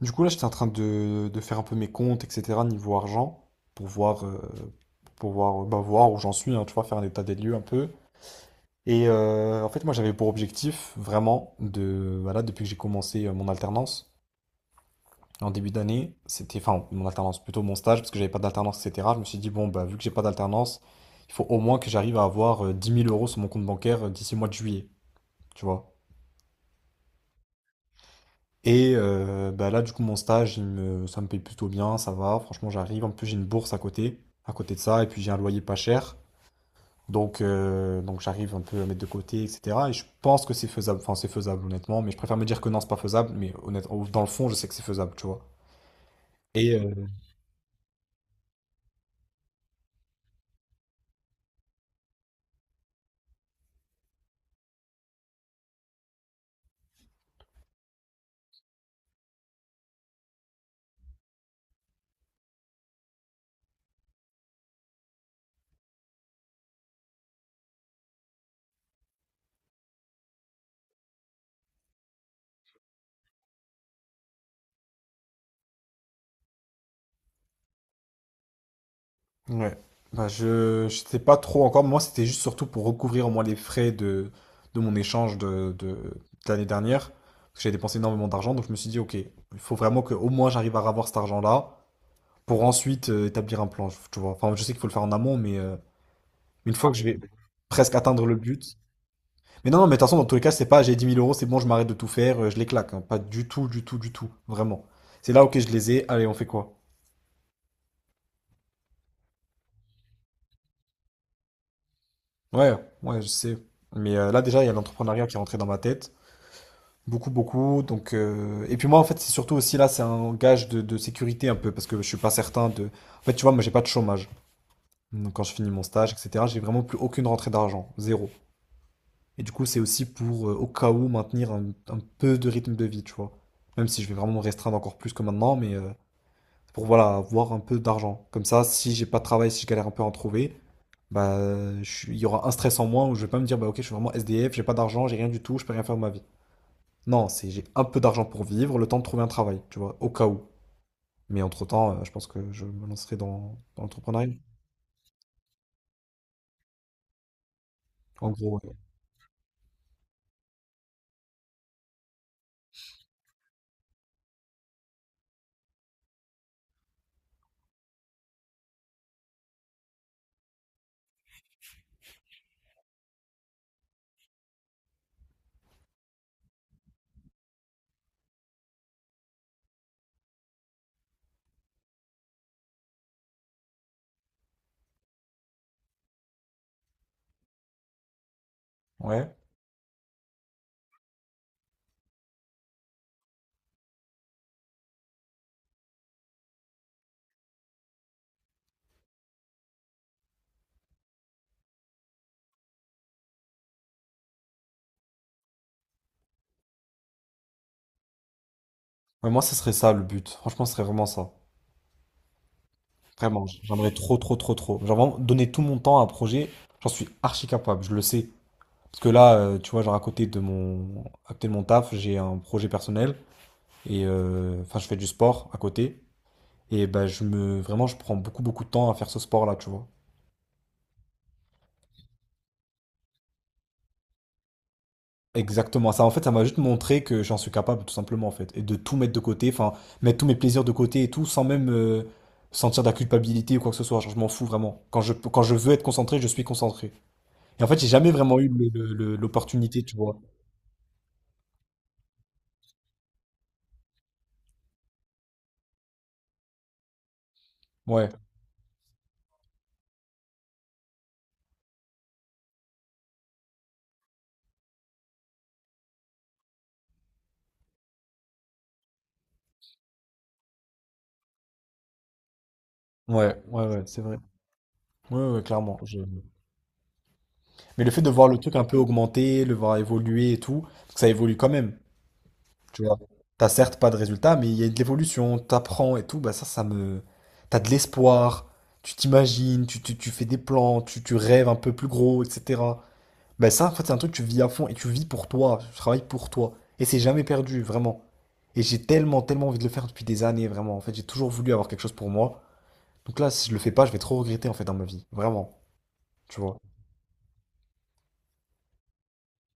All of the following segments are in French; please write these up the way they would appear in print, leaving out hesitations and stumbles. Du coup, là, j'étais en train de faire un peu mes comptes, etc., niveau argent, pour voir, euh, bah, voir où j'en suis, hein, tu vois, faire un état des lieux un peu. Et en fait, moi, j'avais pour objectif, vraiment, voilà, depuis que j'ai commencé mon alternance, en début d'année, c'était, enfin, mon alternance, plutôt mon stage, parce que j'avais pas d'alternance, etc., je me suis dit, bon, bah, vu que j'ai pas d'alternance, il faut au moins que j'arrive à avoir 10 000 euros sur mon compte bancaire d'ici le mois de juillet, tu vois. Et bah là, du coup, mon stage, ça me paye plutôt bien, ça va. Franchement, j'arrive. En plus, j'ai une bourse à côté de ça, et puis j'ai un loyer pas cher. Donc j'arrive un peu à mettre de côté, etc. Et je pense que c'est faisable. Enfin, c'est faisable, honnêtement. Mais je préfère me dire que non, c'est pas faisable. Mais honnêtement, dans le fond, je sais que c'est faisable, tu vois. Et ouais. Bah, je sais pas trop encore. Moi, c'était juste surtout pour recouvrir au moins les frais de mon échange de l'année dernière. Parce que j'ai dépensé énormément d'argent, donc je me suis dit, ok, il faut vraiment que au moins j'arrive à avoir cet argent-là pour ensuite établir un plan, tu vois. Enfin, je sais qu'il faut le faire en amont, mais une fois que je vais presque atteindre le but. Mais non, non, mais de toute façon, dans tous les cas, c'est pas j'ai 10 000 euros, c'est bon, je m'arrête de tout faire, je les claque, hein. Pas du tout, du tout, du tout. Vraiment. C'est là, ok, je les ai, allez, on fait quoi? Ouais, ouais, je sais. Mais là, déjà, il y a l'entrepreneuriat qui est rentré dans ma tête. Beaucoup, beaucoup. Et puis moi, en fait, c'est surtout aussi là, c'est un gage de sécurité un peu, parce que je suis pas certain de. En fait, tu vois, moi, j'ai pas de chômage. Donc, quand je finis mon stage, etc., j'ai vraiment plus aucune rentrée d'argent. Zéro. Et du coup, c'est aussi pour, au cas où, maintenir un peu de rythme de vie, tu vois. Même si je vais vraiment me restreindre encore plus que maintenant, mais pour, voilà, avoir un peu d'argent. Comme ça, si j'ai pas de travail, si je galère un peu à en trouver, bah, il y aura un stress en moins où je vais pas me dire, bah, ok, je suis vraiment SDF, j'ai pas d'argent, j'ai rien du tout, je peux rien faire de ma vie. Non, c'est j'ai un peu d'argent pour vivre, le temps de trouver un travail, tu vois, au cas où. Mais entre-temps, je pense que je me lancerai dans l'entrepreneuriat. En gros, ouais. Ouais. Ouais, moi, ce serait ça le but. Franchement, ce serait vraiment ça. Vraiment, j'aimerais trop, trop, trop, trop. Genre vraiment donner tout mon temps à un projet, j'en suis archi capable, je le sais. Parce que là, tu vois, genre à côté de mon taf, j'ai un projet personnel et enfin, je fais du sport à côté. Et ben, vraiment, je prends beaucoup, beaucoup de temps à faire ce sport-là, tu vois. Exactement. Ça, en fait, ça m'a juste montré que j'en suis capable, tout simplement, en fait, et de tout mettre de côté, enfin, mettre tous mes plaisirs de côté et tout, sans même sentir de la culpabilité ou quoi que ce soit. Genre, je m'en fous vraiment. Quand je veux être concentré, je suis concentré. Et en fait, j'ai jamais vraiment eu l'opportunité, tu vois. Ouais, ouais, ouais, ouais, c'est vrai. Ouais, ouais, clairement. Mais le fait de voir le truc un peu augmenter, le voir évoluer et tout, parce que ça évolue quand même, tu vois. T'as certes pas de résultat, mais il y a de l'évolution, t'apprends et tout, bah ça, ça me. T'as de l'espoir, tu t'imagines, tu fais des plans, tu rêves un peu plus gros, etc. Bah ça, en fait, c'est un truc que tu vis à fond et tu vis pour toi, tu travailles pour toi. Et c'est jamais perdu, vraiment. Et j'ai tellement, tellement envie de le faire depuis des années, vraiment. En fait, j'ai toujours voulu avoir quelque chose pour moi. Donc là, si je le fais pas, je vais trop regretter en fait dans ma vie. Vraiment, tu vois.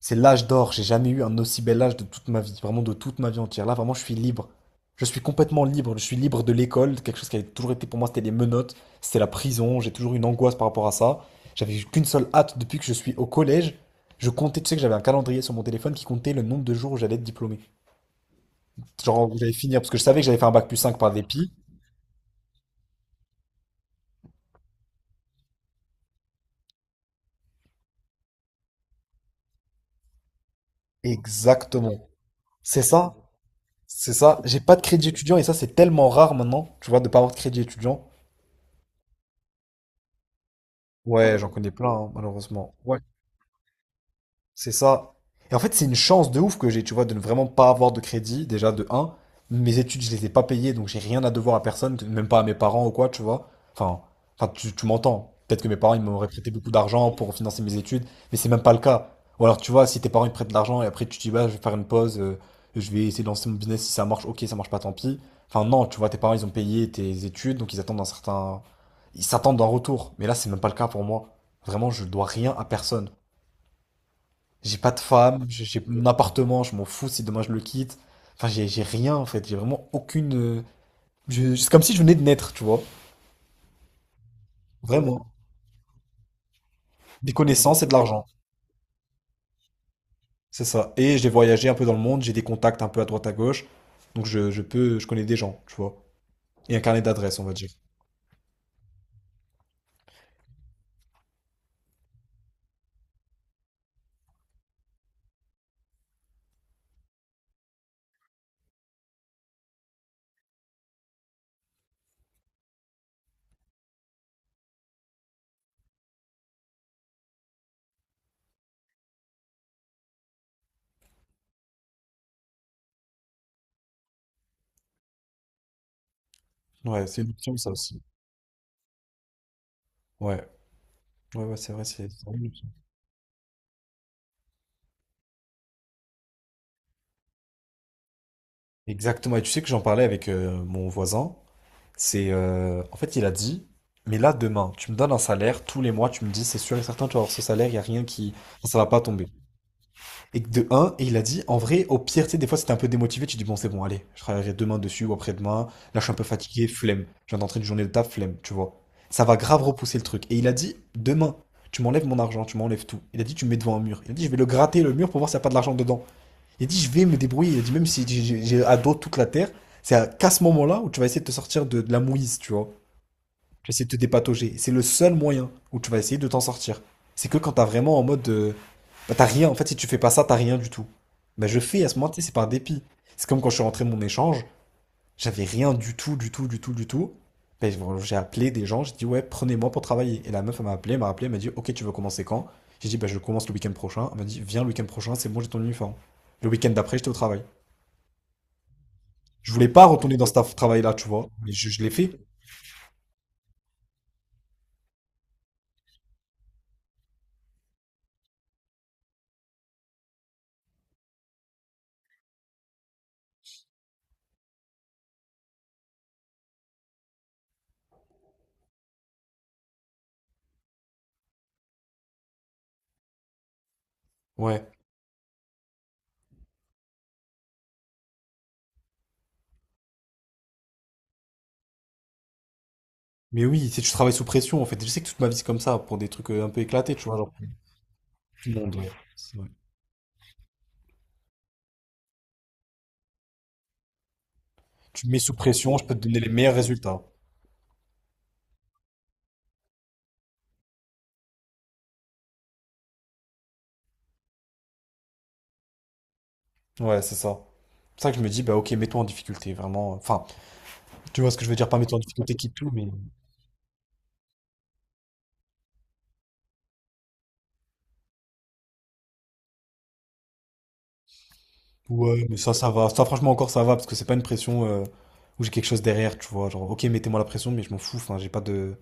C'est l'âge d'or. J'ai jamais eu un aussi bel âge de toute ma vie. Vraiment de toute ma vie entière. Là, vraiment, je suis libre. Je suis complètement libre. Je suis libre de l'école. Quelque chose qui avait toujours été pour moi, c'était les menottes. C'était la prison. J'ai toujours eu une angoisse par rapport à ça. J'avais eu qu'une seule hâte depuis que je suis au collège. Je comptais, tu sais que j'avais un calendrier sur mon téléphone qui comptait le nombre de jours où j'allais être diplômé. Genre, où j'allais finir. Parce que je savais que j'allais faire un bac+5 par dépit. Exactement. C'est ça. C'est ça, j'ai pas de crédit étudiant et ça c'est tellement rare maintenant, tu vois, de pas avoir de crédit étudiant. Ouais, j'en connais plein, hein, malheureusement. Ouais, c'est ça. Et en fait, c'est une chance de ouf que j'ai, tu vois, de ne vraiment pas avoir de crédit, déjà de un. Mes études, je les ai pas payées, donc j'ai rien à devoir à personne, même pas à mes parents ou quoi, tu vois. Enfin, enfin, tu m'entends. Peut-être que mes parents, ils m'auraient prêté beaucoup d'argent pour financer mes études, mais c'est même pas le cas. Ou alors, tu vois, si tes parents, ils te prêtent de l'argent et après, tu te dis, bah, je vais faire une pause, je vais essayer de lancer mon business, si ça marche, ok, ça marche pas, tant pis. Enfin, non, tu vois, tes parents, ils ont payé tes études, donc ils attendent un certain. Ils s'attendent d'un retour. Mais là, c'est même pas le cas pour moi. Vraiment, je dois rien à personne. J'ai pas de femme, j'ai mon appartement, je m'en fous si demain je le quitte. Enfin, j'ai rien en fait, j'ai vraiment aucune. C'est comme si je venais de naître, tu vois. Vraiment. Des connaissances et de l'argent, c'est ça. Et j'ai voyagé un peu dans le monde, j'ai des contacts un peu à droite à gauche, donc je connais des gens, tu vois. Et un carnet d'adresses, on va dire. Ouais, c'est une option ça aussi. Ouais, ouais, ouais, c'est vrai, c'est vraiment une option. Exactement. Et tu sais que j'en parlais avec mon voisin. C'est en fait, il a dit, mais là demain, tu me donnes un salaire tous les mois, tu me dis, c'est sûr et certain, tu vas avoir ce salaire, il y a rien qui, enfin, ça va pas tomber. Et que de un, et il a dit, en vrai, au pire, tu sais, des fois, c'était un peu démotivé, tu dis bon, c'est bon, allez, je travaillerai demain dessus ou après-demain. Là, je suis un peu fatigué, flemme. Je viens d'entrer une journée de taf, flemme, tu vois. Ça va grave repousser le truc. Et il a dit, demain, tu m'enlèves mon argent, tu m'enlèves tout. Il a dit, tu me mets devant un mur. Il a dit, je vais le gratter le mur pour voir s'il n'y a pas de l'argent dedans. Il a dit, je vais me débrouiller. Il a dit, même si j'ai à dos toute la terre, c'est à qu'à ce moment-là où tu vas essayer de te sortir de la mouise, tu vois. Tu vas essayer de te dépatauger. C'est le seul moyen où tu vas essayer de t'en sortir. C'est que quand t'as vraiment en mode, bah, t'as rien. En fait, si tu fais pas ça, t'as rien du tout. Bah, je fais à ce moment tu sais, c'est par dépit. C'est comme quand je suis rentré de mon échange, j'avais rien du tout, du tout, du tout, du tout. Bah, j'ai appelé des gens, j'ai dit, ouais, prenez-moi pour travailler. Et la meuf, elle m'a appelé, elle m'a dit, ok, tu veux commencer quand? J'ai dit, bah, je commence le week-end prochain. Elle m'a dit, viens le week-end prochain, c'est bon, j'ai ton uniforme. Le week-end d'après, j'étais au travail. Je voulais pas retourner dans ce travail-là, tu vois. Mais je l'ai fait. Ouais. Mais oui, si tu travailles sous pression, en fait, je sais que toute ma vie c'est comme ça, pour des trucs un peu éclatés, tu vois, genre pour tout le monde, ouais. C'est vrai. Tu me mets sous pression, je peux te donner les meilleurs résultats. Ouais, c'est ça. C'est pour ça que je me dis, bah ok, mets-toi en difficulté, vraiment. Enfin, tu vois ce que je veux dire, pas mets-toi en difficulté, quitte tout, mais. Ouais, mais ça va. Ça, franchement, encore, ça va, parce que c'est pas une pression où j'ai quelque chose derrière, tu vois. Genre, ok, mettez-moi la pression, mais je m'en fous, enfin, j'ai pas de.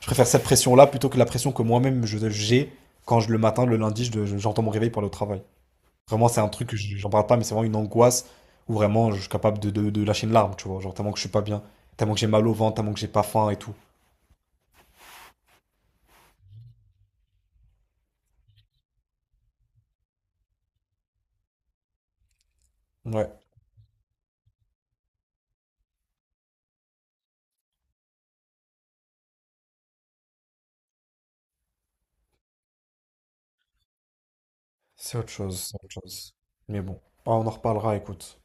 Je préfère cette pression-là plutôt que la pression que moi-même j'ai quand je, le matin, le lundi, j'entends mon réveil pour le travail. Vraiment, c'est un truc que j'en parle pas, mais c'est vraiment une angoisse où vraiment je suis capable de lâcher une larme, tu vois. Genre tellement que je suis pas bien, tellement que j'ai mal au ventre, tellement que j'ai pas faim et tout. Ouais, c'est autre chose, c'est autre chose. Mais bon, ah, on en reparlera, écoute.